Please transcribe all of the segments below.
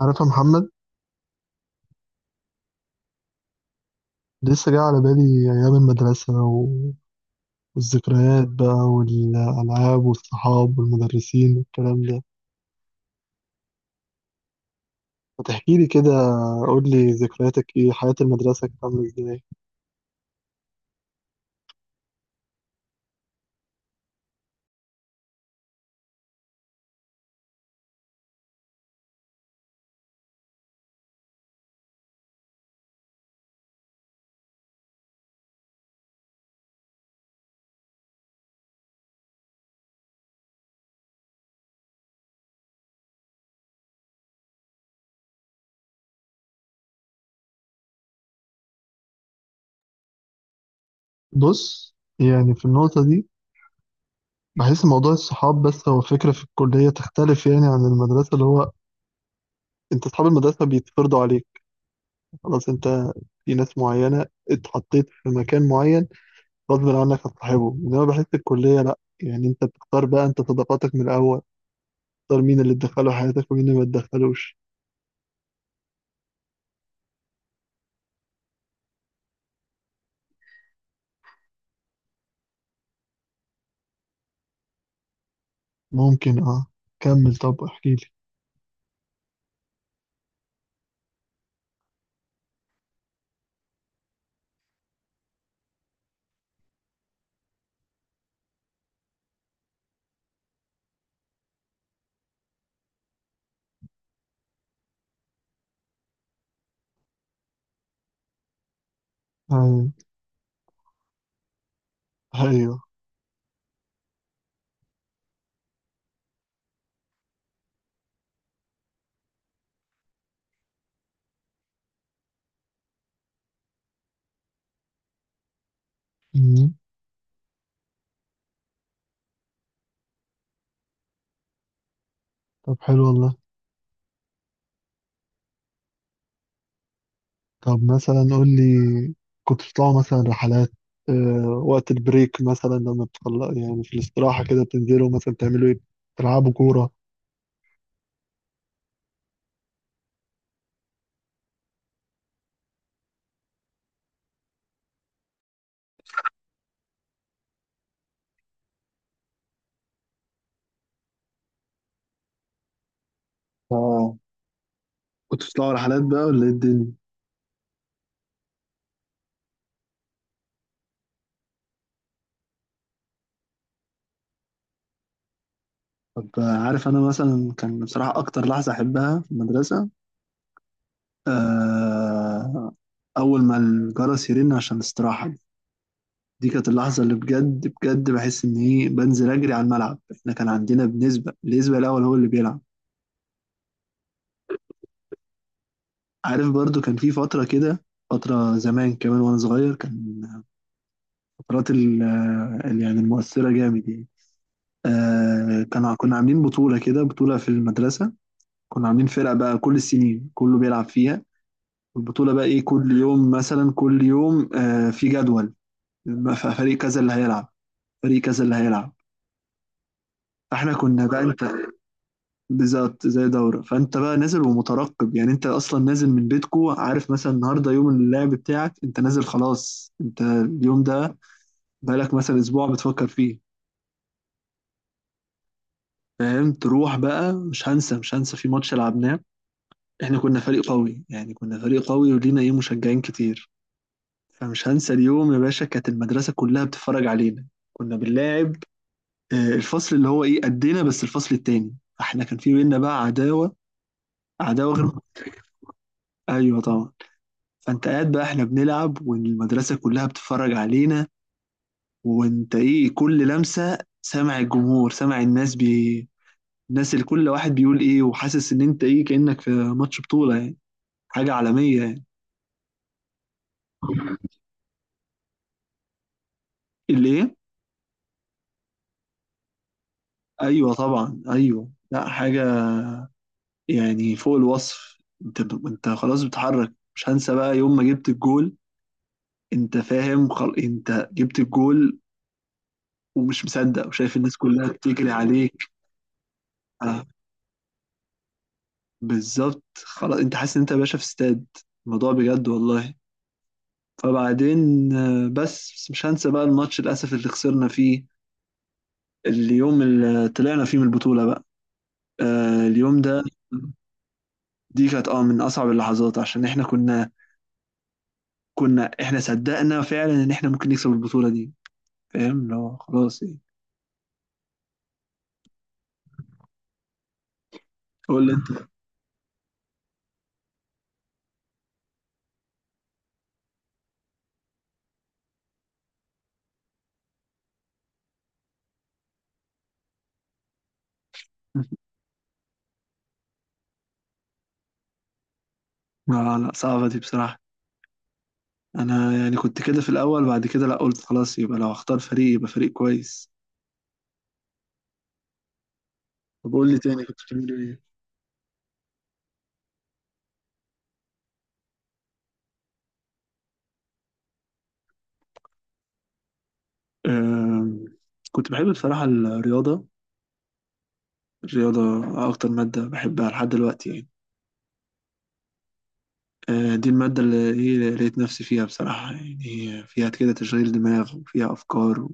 عارف يا محمد؟ لسه جاي على بالي أيام المدرسة والذكريات بقى والألعاب والصحاب والمدرسين والكلام ده. ما تحكيلي كده؟ قول لي ذكرياتك إيه، حياة المدرسة كانت عاملة إزاي؟ بص، يعني في النقطة دي بحس موضوع الصحاب بس، هو فكرة في الكلية تختلف يعني عن المدرسة. اللي هو أنت أصحاب المدرسة بيتفرضوا عليك، خلاص أنت في ناس معينة اتحطيت في مكان معين غصب عنك هتصاحبه. إنما بحس الكلية لأ، يعني أنت بتختار بقى أنت صداقاتك من الأول، تختار مين اللي تدخله حياتك ومين اللي ما تدخلوش. ممكن اه. كمل، طب احكي لي. ايوه. أيوة. مم. طب حلو والله. طب مثلا قول لي، كنت بتطلعوا مثلا رحلات؟ وقت البريك مثلا لما بتطلع يعني في الاستراحة كده بتنزلوا مثلا تعملوا ايه؟ تلعبوا كورة؟ اه، كنت بتطلع رحلات بقى ولا ايه الدنيا؟ طب، عارف انا مثلا كان بصراحة اكتر لحظة احبها في المدرسة آه اول ما الجرس يرن عشان الاستراحة. دي كانت اللحظة اللي بجد بجد بحس إن إيه، بنزل أجري على الملعب، إحنا كان عندنا بنسبة النسبة الأول هو اللي بيلعب. عارف، برضو كان في فترة كده، فترة زمان كمان وأنا صغير، كان فترات يعني المؤثرة جامد يعني. كنا عاملين بطولة كده، بطولة في المدرسة. كنا عاملين فرقة بقى كل السنين كله بيلعب فيها. البطولة بقى إيه، كل يوم مثلا، كل يوم في جدول. فريق كذا اللي هيلعب، فريق كذا اللي هيلعب. احنا كنا بقى انت، بالظبط زي دورة، فانت بقى نازل ومترقب يعني، انت اصلا نازل من بيتكو عارف، مثلا النهارده يوم اللعب بتاعك، انت نازل خلاص، انت اليوم ده بقالك مثلا اسبوع بتفكر فيه. فاهم، تروح بقى. مش هنسى، مش هنسى في ماتش لعبناه. احنا كنا فريق قوي يعني، كنا فريق قوي ولينا ايه، مشجعين كتير. فمش هنسى اليوم يا باشا، كانت المدرسة كلها بتتفرج علينا، كنا بنلاعب الفصل اللي هو ايه قدنا، بس الفصل التاني، احنا كان في بينا بقى عداوة، عداوة غير. ايوه طبعا. فانت قاعد بقى احنا بنلعب والمدرسة كلها بتتفرج علينا، وانت ايه كل لمسة سامع الجمهور سامع الناس الناس، اللي كل واحد بيقول ايه، وحاسس ان انت ايه كأنك في ماتش بطولة يعني، حاجة عالمية يعني. اللي ايه، ايوه طبعا، ايوه لا، حاجة يعني فوق الوصف. انت خلاص بتحرك، مش هنسى بقى يوم ما جبت الجول. انت فاهم، انت جبت الجول ومش مصدق وشايف الناس كلها بتجري عليك. آه. بالظبط، خلاص انت حاسس ان انت يا باشا في استاد. الموضوع بجد والله. فبعدين بس بس مش هنسى بقى الماتش للاسف اللي خسرنا فيه، اليوم اللي طلعنا فيه من البطولة بقى، اليوم ده. دي كانت من اصعب اللحظات، عشان احنا كنا احنا صدقنا فعلا ان احنا ممكن نكسب البطولة دي، فاهم اللي هو خلاص ايه. قول لي انت. لا لا، صعبة دي بصراحة. انا يعني كنت كده في الاول، بعد كده لا، قلت خلاص يبقى لو هختار فريق يبقى فريق كويس. طب قول لي تاني، كنت بتعمل ايه؟ أم، كنت بحب بصراحة الرياضة. الرياضة أكتر مادة بحبها لحد دلوقتي يعني. دي المادة اللي هي لقيت نفسي فيها بصراحة يعني، هي فيها كده تشغيل دماغ وفيها أفكار،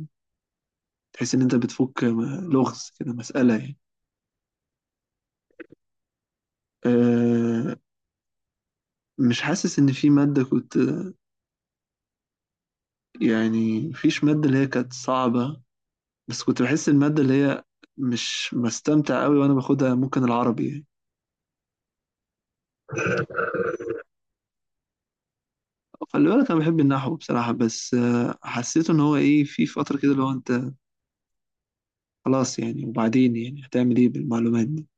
وتحس إن أنت بتفك لغز كده، مسألة يعني. أه، مش حاسس إن في مادة كنت، يعني مفيش مادة اللي هي كانت صعبة، بس كنت بحس المادة اللي هي مش بستمتع أوي وأنا باخدها ممكن العربي يعني. خلي بالك انا بحب النحو بصراحه، بس حسيت ان هو ايه في فتره كده اللي هو انت خلاص يعني، وبعدين يعني هتعمل ايه بالمعلومات دي؟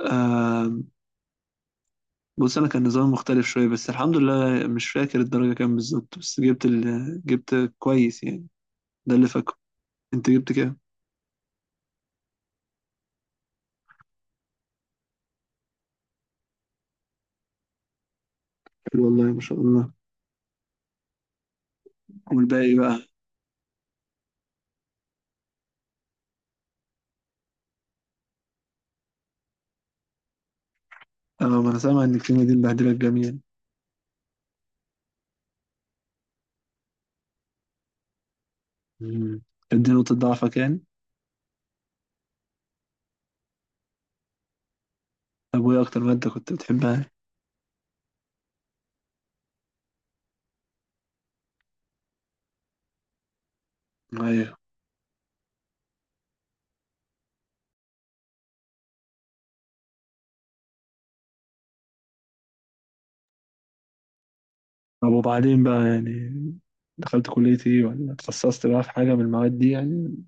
آه، بص انا كان نظام مختلف شويه، بس الحمد لله مش فاكر الدرجه كام بالظبط، بس جبت كويس يعني، ده اللي فاكره. انت جبت كام؟ حلو والله، ما شاء الله. والباقي بقى؟ اه، ما انا سامع ان الكيمياء دي مبهدله الجميع. مم. كانت دي نقطه ضعفك يعني؟ طب وايه اكتر ماده كنت بتحبها؟ أيوة. طب وبعدين بقى يعني، دخلت كلية ايه ولا اتخصصت بقى في حاجة من المواد دي يعني؟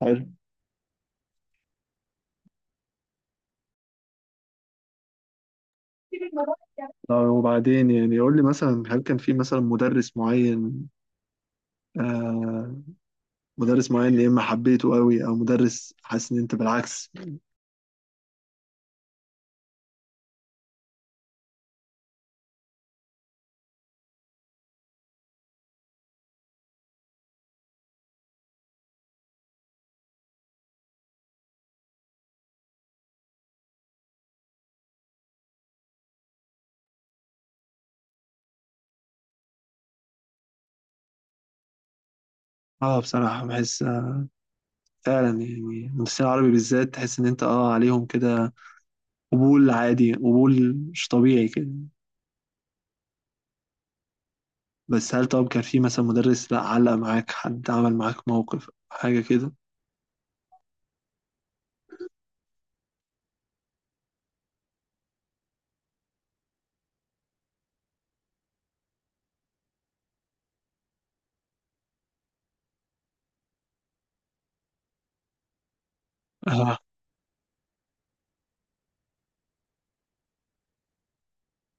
حلو. طب وبعدين يعني قول لي مثلا، هل كان في مثلا مدرس معين، آه مدرس معين يا اما حبيته قوي او مدرس حاسس ان انت بالعكس؟ اه، بصراحة بحس فعلا يعني، المدرسين العربي بالذات تحس ان انت عليهم كده قبول عادي، قبول مش طبيعي كده. بس هل، طب كان في مثلا مدرس لا علق معاك، حد عمل معاك موقف حاجة كده؟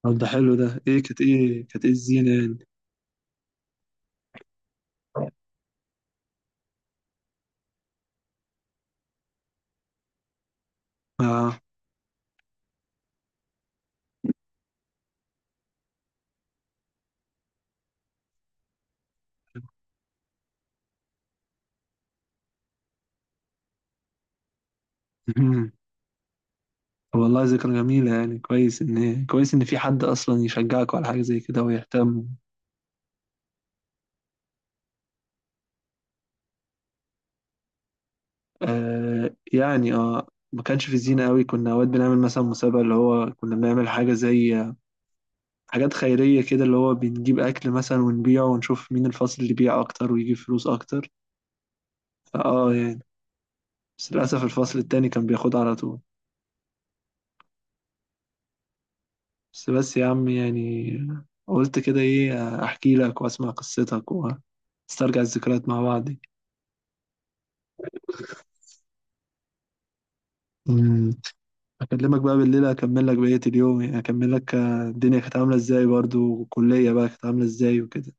طب ده حلو، ده ايه كانت ايه الزينة يعني؟ اه. مهم. والله ذكرى جميلة يعني، كويس ان في حد اصلا يشجعك على حاجة زي كده ويهتم. يعني ما كانش في زينة قوي، كنا اوقات بنعمل مثلا مسابقة اللي هو، كنا بنعمل حاجة زي حاجات خيرية كده، اللي هو بنجيب اكل مثلا ونبيعه ونشوف مين الفصل اللي بيع اكتر ويجيب فلوس اكتر. فاه يعني. بس للاسف الفصل التاني كان بياخدها على طول. بس بس يا عم يعني، قلت كده ايه احكي لك واسمع قصتك، نسترجع الذكريات مع بعض دي. مم. اكلمك بقى بالليل اكمل لك بقية اليوم يعني، اكمل لك الدنيا كانت عاملة ازاي برضو، والكلية بقى كانت عاملة ازاي وكده.